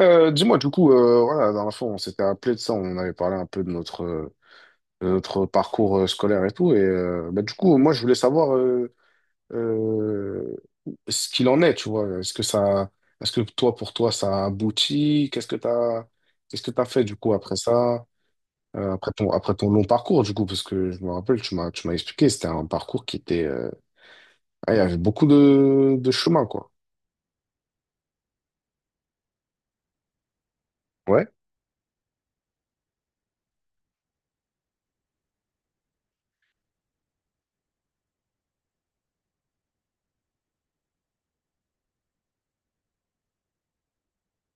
Dis-moi, du coup, voilà, la dernière fois, on s'était appelé de ça, on avait parlé un peu de notre parcours scolaire et tout, et bah, du coup, moi, je voulais savoir euh, ce qu'il en est, tu vois. Est-ce que toi, pour toi, ça a abouti? Qu'est-ce que t'as fait, du coup, après ça, après ton, long parcours, du coup, parce que je me rappelle, tu m'as expliqué, c'était un parcours qui était, il y avait beaucoup de chemin, quoi. Ouais,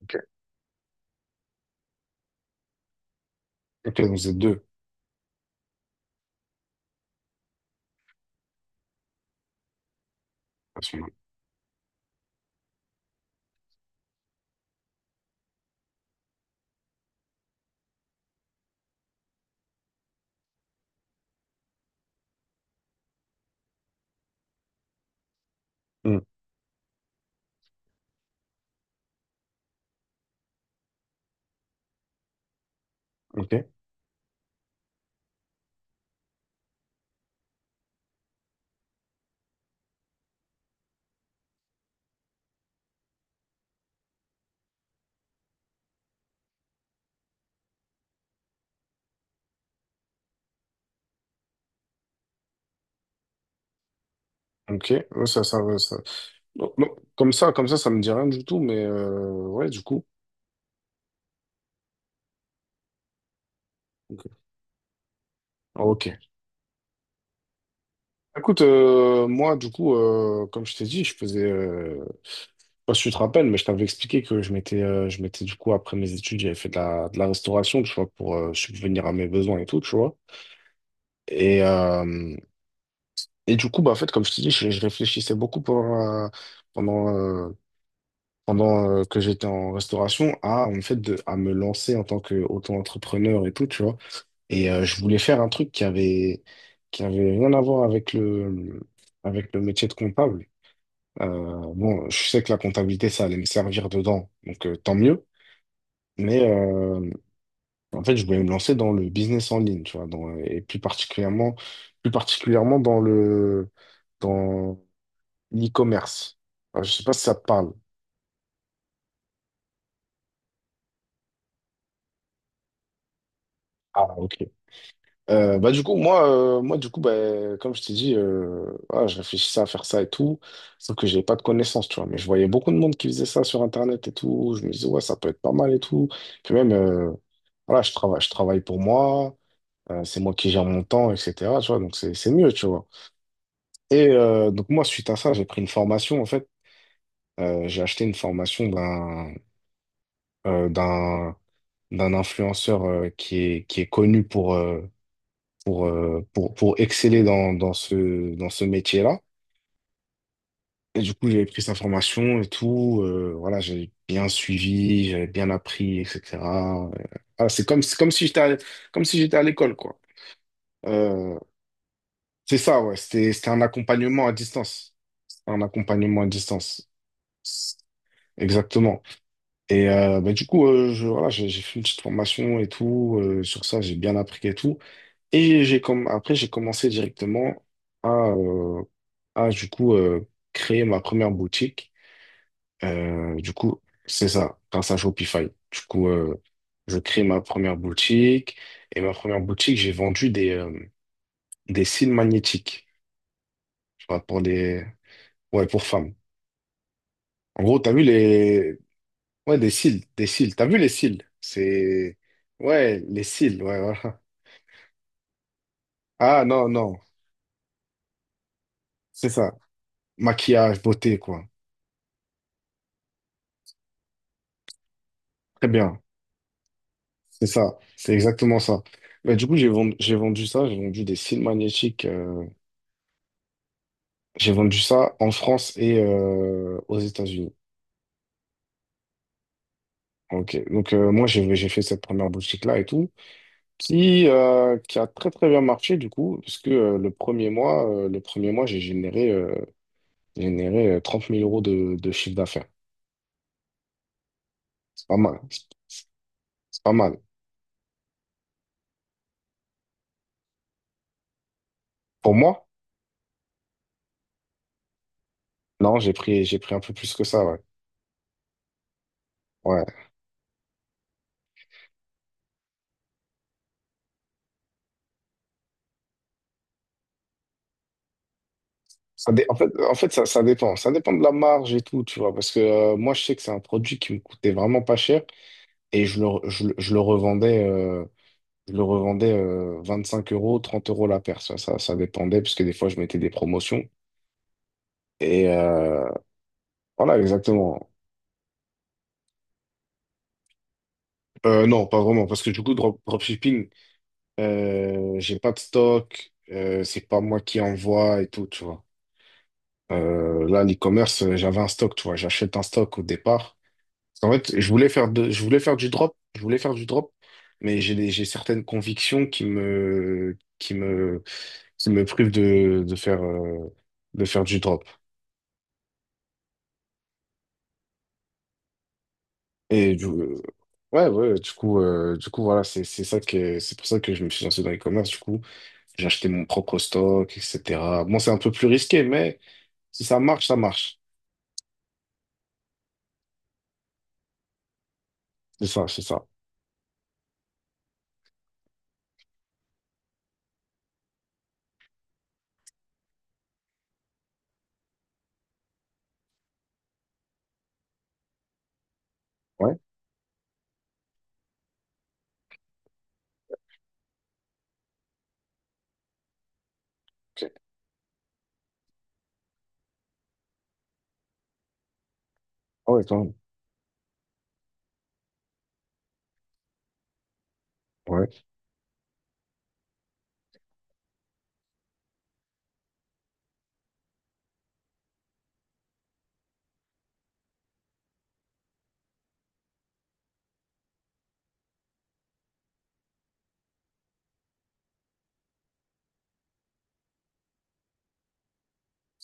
ok. Ok, donc vous êtes deux. À ce moment. Hmm. Ok, ok. Ouais, ça, ouais, ça. Non, non, comme ça me dit rien du tout, mais ouais, du coup. Ok. Ok. Écoute, moi, du coup, comme je t'ai dit, je faisais. Je sais pas si tu te rappelles, mais je t'avais expliqué que je m'étais, du coup, après mes études, j'avais fait de la, restauration, tu vois, pour subvenir à mes besoins et tout, tu vois. Et, euh, et du coup, bah, en fait, comme je t'ai dit, je réfléchissais beaucoup pendant, pendant, euh, pendant que j'étais en restauration en fait, à me lancer en tant qu'auto-entrepreneur et tout, tu vois. Et je voulais faire un truc qui avait, rien à voir avec le métier de comptable. Bon, je sais que la comptabilité, ça allait me servir dedans, donc tant mieux. Mais en fait, je voulais me lancer dans le business en ligne, tu vois, et plus particulièrement, dans le, dans l'e-commerce. Je sais pas si ça te parle. Ah, ok. Bah, du coup, moi, du coup, bah, comme je t'ai dit, je réfléchissais à faire ça et tout, sauf que j'avais pas de connaissances, tu vois, mais je voyais beaucoup de monde qui faisait ça sur internet et tout, je me disais, ouais, ça peut être pas mal, et tout, puis même, voilà, je travaille pour moi, c'est moi qui gère mon temps, etc., tu vois, donc c'est mieux, tu vois. Et donc, moi, suite à ça, j'ai pris une formation, en fait. J'ai acheté une formation euh, d'un d'un influenceur, qui est connu pour, pour exceller dans dans ce métier-là. Et du coup, j'avais pris sa formation et tout. Voilà, j'avais bien suivi, j'avais bien appris, etc. Euh, voilà, c'est comme si j'étais comme si j'étais à l'école, quoi. Euh, c'est ça, ouais. C'était un accompagnement à distance. Un accompagnement à distance. Exactement. Et bah, du coup, voilà, j'ai fait une petite formation et tout. Sur ça, j'ai bien appris et tout. Et j'ai commencé directement à, euh, à du coup, créer ma première boutique. Du coup, c'est ça, grâce à Shopify. Du coup, je crée ma première boutique. Et ma première boutique, j'ai vendu des cils magnétiques. Tu vois, pour les... Ouais, pour femmes. En gros, t'as vu les, ouais, des cils. T'as vu les cils? C'est... Ouais, les cils, ouais, voilà. Ah non, non, c'est ça. Maquillage, beauté, quoi. Très bien, c'est ça. C'est exactement ça. Mais du coup, j'ai vendu ça, j'ai vendu des cils magnétiques. J'ai vendu ça en France et aux États-Unis. Ok, donc moi, j'ai fait cette première boutique-là et tout, qui a très, très bien marché, du coup, parce que le premier mois, j'ai généré, 30 000 euros de chiffre d'affaires. C'est pas mal. C'est pas mal. Pour moi, non, j'ai pris un peu plus que ça, ouais. Ouais. En fait, ça dépend. Ça dépend de la marge et tout, tu vois. Parce que moi, je sais que c'est un produit qui me coûtait vraiment pas cher, et je le revendais, cinq euros, 30 € la paire. Ça dépendait parce que des fois, je mettais des promotions. Et voilà, exactement. Non, pas vraiment. Parce que du coup, dropshipping, j'ai pas de stock. C'est pas moi qui envoie et tout, tu vois. Là, l'e-commerce, j'avais un stock, tu vois, j'achète un stock au départ. En fait, je voulais faire du drop, mais j'ai certaines convictions qui me privent de faire du drop. Et ouais, ouais, du coup, voilà, c'est pour ça que je me suis lancé dans l'e-commerce, du coup. J'ai acheté mon propre stock, etc. Bon, c'est un peu plus risqué, mais si ça marche, ça marche. C'est ça, c'est ça. Ouais. Ok. Ah ouais, quand même. Ouais.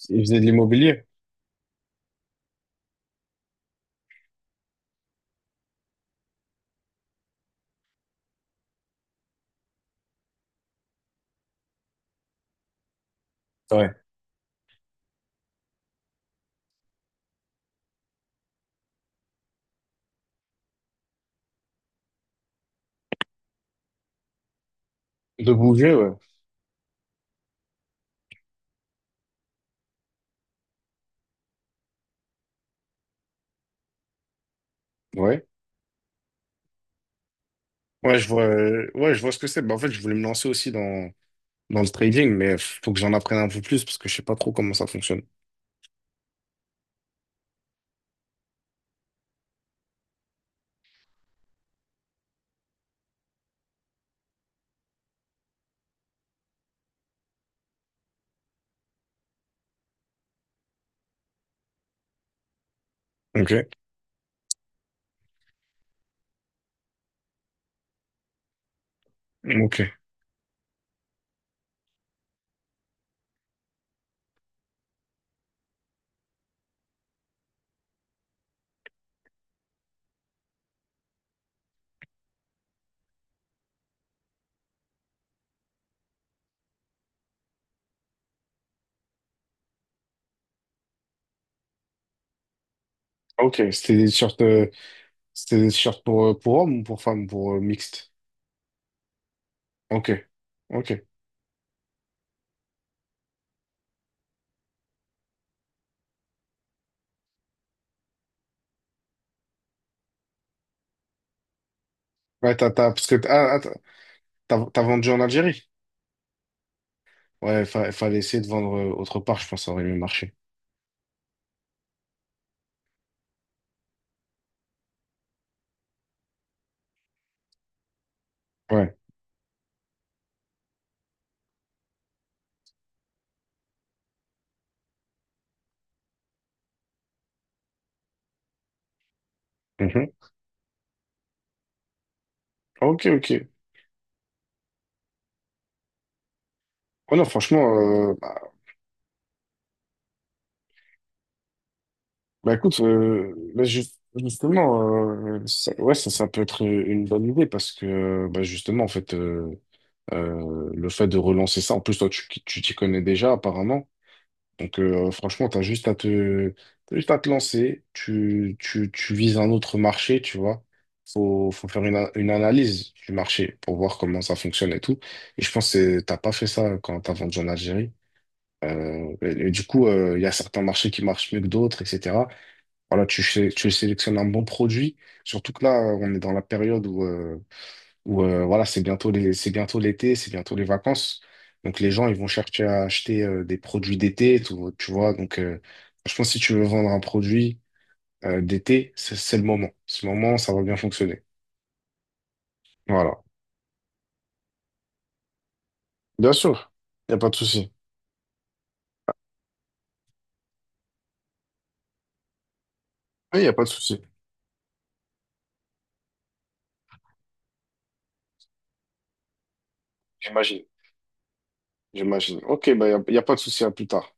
Il faisait de l'immobilier. Ouais. De bouger, ouais. Ouais. Ouais, ouais, je vois ce que c'est. Bah, en fait, je voulais me lancer aussi dans le trading, mais faut que j'en apprenne un peu plus parce que je sais pas trop comment ça fonctionne. Ok. Ok. Ok. C'était des shorts pour hommes ou pour femmes, pour mixte. Ok. Ok. Ouais, parce que t'as, ah, ah, t'as, t'as t'as vendu en Algérie. Ouais, fallait essayer de vendre autre part, je pense, ça aurait mieux marché. Ouais. Mhm. Ok, ok. Oh non, franchement, euh, bah écoute, là, justement, ça peut être une bonne idée parce que bah, justement, en fait, le fait de relancer ça, en plus, toi, tu t'y connais déjà apparemment. Donc franchement, t'as juste à te lancer. Tu vises un autre marché, tu vois. Faut faire une analyse du marché pour voir comment ça fonctionne et tout. Et je pense que t'as pas fait ça quand t'as vendu en Algérie. Et du coup, il y a certains marchés qui marchent mieux que d'autres, etc. Voilà, tu sélectionnes un bon produit, surtout que là, on est dans la période où voilà, c'est bientôt l'été, c'est bientôt les vacances. Donc les gens, ils vont chercher à acheter des produits d'été, tout, tu vois. Donc je pense que si tu veux vendre un produit d'été, c'est le moment. Ce moment, ça va bien fonctionner. Voilà. Bien sûr, il n'y a pas de souci. Oui, il n'y a pas de souci. J'imagine. J'imagine. Ok, bah, y a pas de souci, à plus tard.